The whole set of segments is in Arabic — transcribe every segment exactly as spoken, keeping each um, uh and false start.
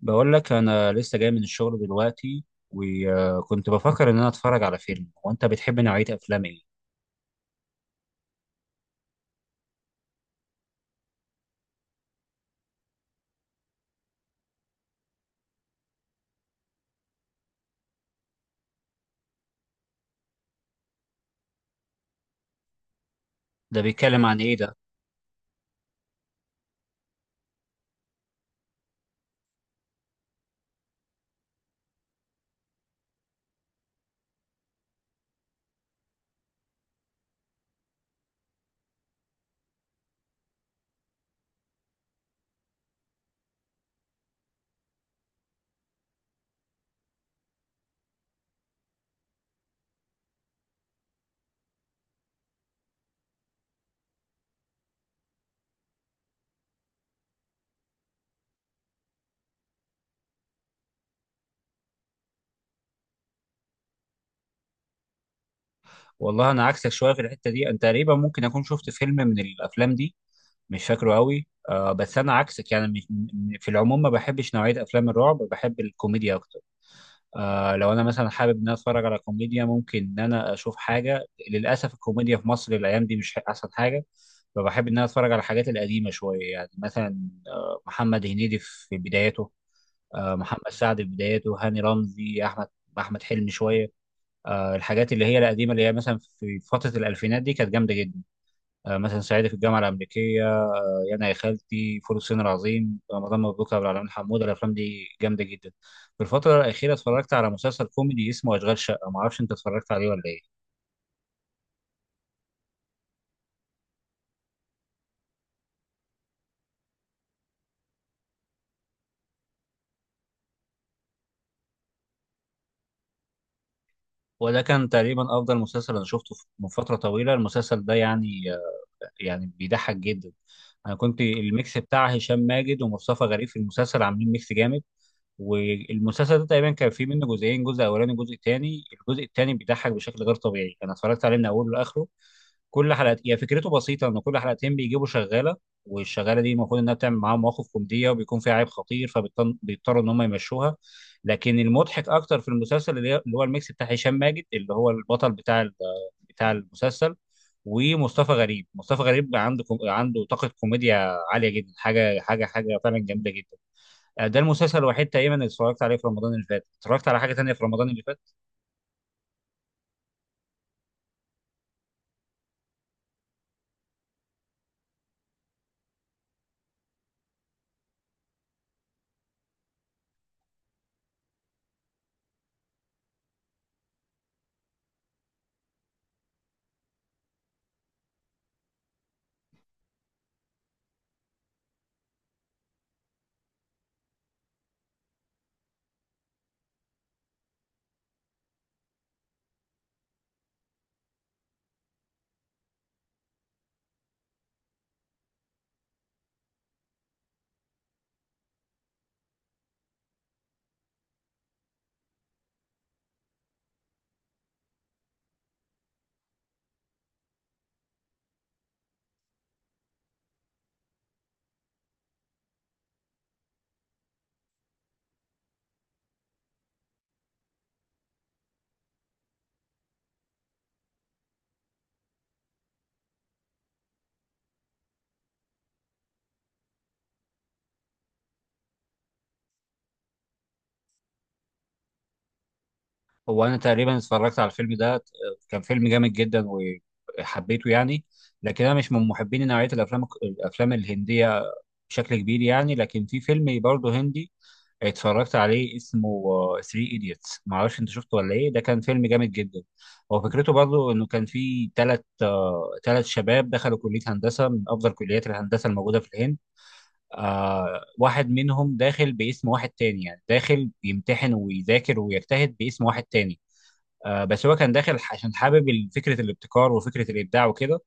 بقول لك انا لسه جاي من الشغل دلوقتي، وكنت بفكر ان انا اتفرج على فيلم. وانت بتحب نوعية افلام ايه؟ ده بيتكلم عن ايه ده؟ والله انا عكسك شوية في الحتة دي. انت تقريبا ممكن اكون شفت فيلم من الافلام دي، مش فاكره قوي. آه، بس انا عكسك، يعني مش- م- في العموم ما بحبش نوعية افلام الرعب، بحب الكوميديا اكتر. آه، لو انا مثلا حابب ان انا اتفرج على كوميديا ممكن ان انا اشوف حاجه. للاسف الكوميديا في مصر الايام دي مش احسن حاجه، فبحب ان انا اتفرج على الحاجات القديمه شويه. يعني مثلا آه محمد هنيدي في بدايته، آه محمد سعد في بدايته، هاني رمزي، احمد احمد حلمي شويه. آه الحاجات اللي هي القديمه، اللي هي مثلا في فتره الالفينات دي، كانت جامده جدا. آه مثلا صعيدي في الجامعه الامريكيه، يعني يا خالتي، فول الصين العظيم، رمضان مبروك يا ابو العلمين حمود، الافلام دي جامده جدا. في الفتره الاخيره اتفرجت على مسلسل كوميدي اسمه اشغال شقه، ما اعرفش انت اتفرجت عليه ولا ايه. وده كان تقريبا افضل مسلسل انا شفته في- من فتره طويله، المسلسل ده يعني. يعني بيضحك جدا. انا كنت الميكس بتاع هشام ماجد ومصطفى غريب في المسلسل عاملين ميكس جامد. والمسلسل ده تقريبا كان فيه منه جزئين، جزء اولاني وجزء تاني. الجزء التاني بيضحك بشكل غير طبيعي، انا اتفرجت عليه من اوله لاخره. كل حلقة، هي فكرته بسيطة، إن كل حلقتين بيجيبوا شغالة، والشغالة دي المفروض إنها بتعمل معاهم مواقف كوميدية وبيكون فيها عيب خطير فبيضطروا إن هم يمشوها. لكن المضحك أكتر في المسلسل اللي هي- اللي هو الميكس بتاع هشام ماجد، اللي هو البطل بتاع ال- بتاع المسلسل. ومصطفى غريب. مصطفى غريب عنده كو- عنده طاقة كوميديا عالية جدا، حاجة حاجة حاجة فعلا جامدة جدا. آه، ده المسلسل الوحيد تقريبا اللي اتفرجت عليه في رمضان اللي فات. اتفرجت على حاجة تانية في رمضان اللي فات. هو انا تقريبا اتفرجت على الفيلم ده، كان فيلم جامد جدا وحبيته يعني. لكن انا مش من محبين نوعيه الافلام الافلام الهنديه بشكل كبير يعني. لكن في فيلم برضه هندي اتفرجت عليه، اسمه ثلاثة ايديتس، ما اعرفش انت شفته ولا ايه. ده كان فيلم جامد جدا. هو فكرته، برضه انه كان في ثلاث ثلاث شباب دخلوا كليه هندسه من افضل كليات الهندسه الموجوده في الهند. آه واحد منهم داخل باسم واحد تاني، يعني داخل يمتحن ويذاكر ويجتهد باسم واحد تاني. آه، بس هو كان داخل عشان حابب فكره الابتكار وفكره الابداع وكده.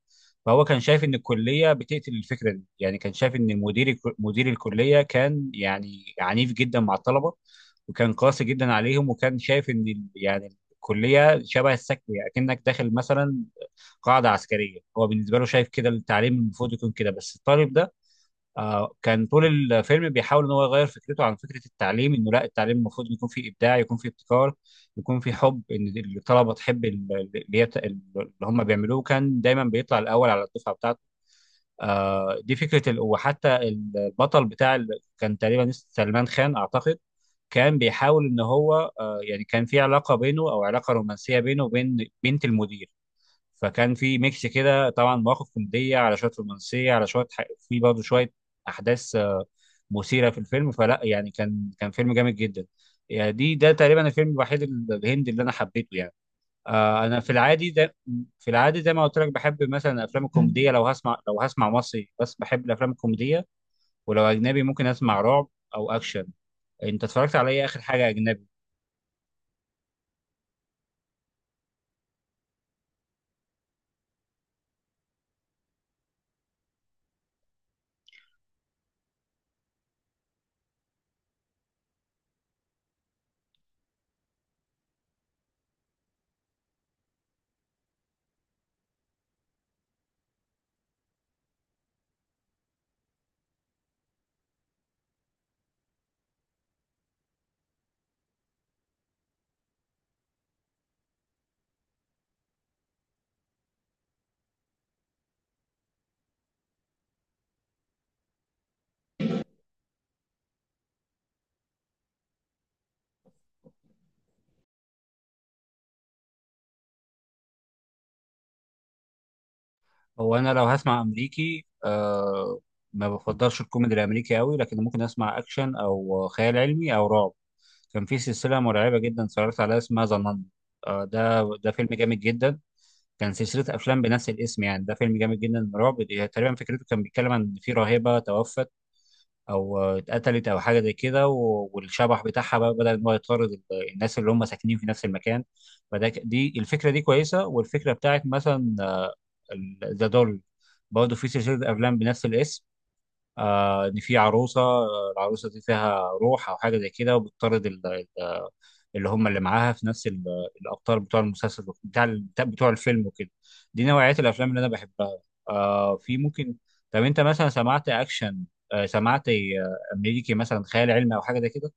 فهو كان شايف ان الكليه بتقتل الفكره دي. يعني كان شايف ان مدير مدير الكليه كان يعني عنيف جدا مع الطلبه، وكان قاسي جدا عليهم، وكان شايف ان ال- يعني الكليه شبه السجن، يعني كأنك داخل مثلا قاعده عسكريه. هو بالنسبه له شايف كده التعليم المفروض يكون كده. بس الطالب ده آه، كان طول الفيلم بيحاول ان هو يغير فكرته عن فكره التعليم، انه لا، التعليم المفروض يكون فيه ابداع، يكون فيه ابتكار، يكون فيه حب ان الطلبه تحب ال- اللي هي اللي هم بيعملوه. كان دايما بيطلع الاول على الدفعه بتاعته. آه، دي فكره ال... وحتى البطل بتاع ال... كان تقريبا اسمه سلمان خان اعتقد. كان بيحاول ان هو آه، يعني كان في علاقه بينه، او علاقه رومانسيه بينه وبين بنت المدير. فكان في ميكس كده، طبعا مواقف كوميديه على شويه رومانسيه على شويه، ح- في برضه شويه احداث آه، مثيرة في الفيلم. فلا يعني، كان كان فيلم جامد جدا. يعني دي ده تقريبا الفيلم الوحيد ال- الهندي اللي انا حبيته يعني. آه انا في العادي ده في العادي زي ما قلت لك، بحب مثلا الافلام الكوميديه. لو هسمع لو هسمع مصري بس، بحب الافلام الكوميديه. ولو اجنبي، ممكن اسمع رعب او اكشن. انت اتفرجت على ايه اخر حاجه اجنبي؟ هو انا لو هسمع امريكي، آه ما بفضلش الكوميدي الامريكي قوي، لكن ممكن اسمع اكشن او خيال علمي او رعب. كان في سلسلة مرعبة جدا اتفرجت عليها، اسمها ظنن. آه ده ده فيلم جامد جدا. كان سلسلة أفلام بنفس الاسم، يعني ده فيلم جامد جدا رعب. دي- تقريبا فكرته كان بيتكلم عن إن في راهبة توفت، أو آه، اتقتلت أو حاجة زي كده، و- والشبح بتاعها بقى بدأ إن هو يطارد ال- الناس اللي هم ساكنين في نفس المكان. فده ك- دي الفكرة دي كويسة، والفكرة بتاعت مثلا ذا دول، برضه في سلسلة أفلام بنفس الاسم، آه إن في عروسة، آه، العروسة دي فيها روح أو حاجة زي كده وبتطارد ال- اللي هم اللي معاها في نفس ال- الابطال بتوع المسلسل بتاع ال- بتاع بتوع الفيلم وكده. دي نوعية الافلام اللي انا بحبها. آه في ممكن. طب انت مثلا سمعت اكشن؟ آه سمعت آه، امريكي مثلا خيال علمي او حاجه زي كده؟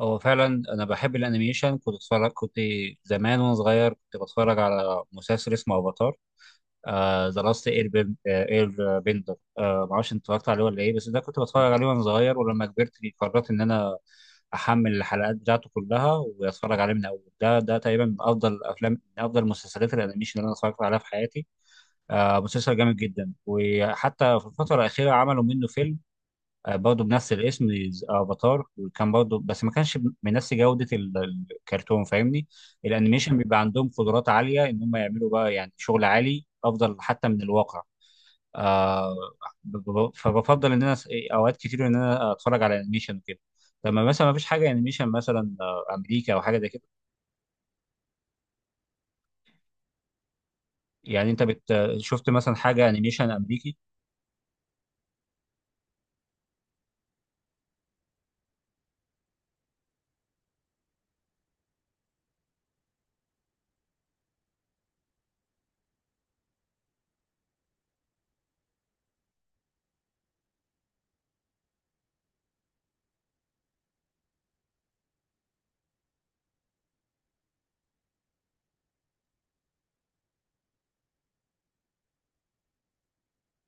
هو فعلا انا بحب الانيميشن. كنت اتفرج كنت زمان وانا صغير كنت بتفرج على مسلسل اسمه افاتار ذا لاست اير بن- آه، اير بندر. آه، معرفش انت اتفرجت عليه ولا ايه. بس ده كنت بتفرج عليه وانا صغير، ولما كبرت قررت ان انا احمل الحلقات بتاعته كلها واتفرج عليه من اول. ده ده تقريبا من افضل افلام، من افضل مسلسلات الانيميشن اللي انا اتفرجت عليها في حياتي. آه، مسلسل جامد جدا. وحتى في الفتره الاخيره عملوا منه فيلم آه، برضه بنفس الاسم، افاتار. وكان برضه بس ما كانش بنفس جودة ال- الكرتون، فاهمني. الانيميشن بيبقى عندهم قدرات عالية ان هم يعملوا بقى يعني شغل عالي افضل حتى من الواقع. آه ب- ب- فبفضل ان انا س- اوقات كتير ان انا اتفرج على انيميشن وكده. لما مثلا ما فيش حاجة انيميشن مثلا آه، امريكا او حاجة زي كده. يعني انت بت شفت مثلا حاجة انيميشن امريكي؟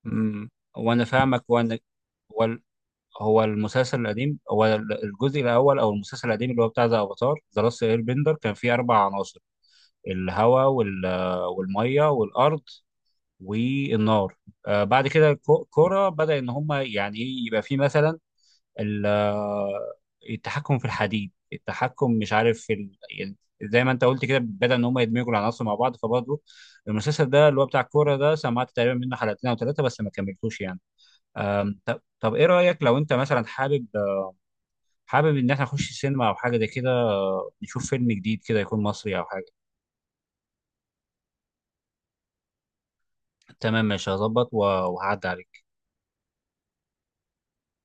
امم وانا فاهمك. وانا هو المسلسل القديم، هو الجزء الاول او المسلسل القديم اللي هو بتاع ذا افاتار ذا لاست اير بندر، كان فيه اربع عناصر، الهواء وال والميه والارض والنار. آه بعد كده الكو- الكرة بدأ ان هم يعني ايه يبقى فيه مثلا ال- آه، التحكم في الحديد، التحكم مش عارف في ال... يعني زي ما انت قلت كده، بدأ ان هم يدمجوا العناصر مع بعض. فبرضه المسلسل ده اللي هو بتاع الكوره ده سمعت تقريبا منه حلقتين او ثلاثه بس ما كملتوش يعني. آم، طب طب ايه رأيك لو انت مثلا حابب حابب ان احنا نخش السينما او حاجه زي كده، نشوف فيلم جديد كده يكون مصري او حاجه. تمام ماشي هظبط و- وهعدي عليك.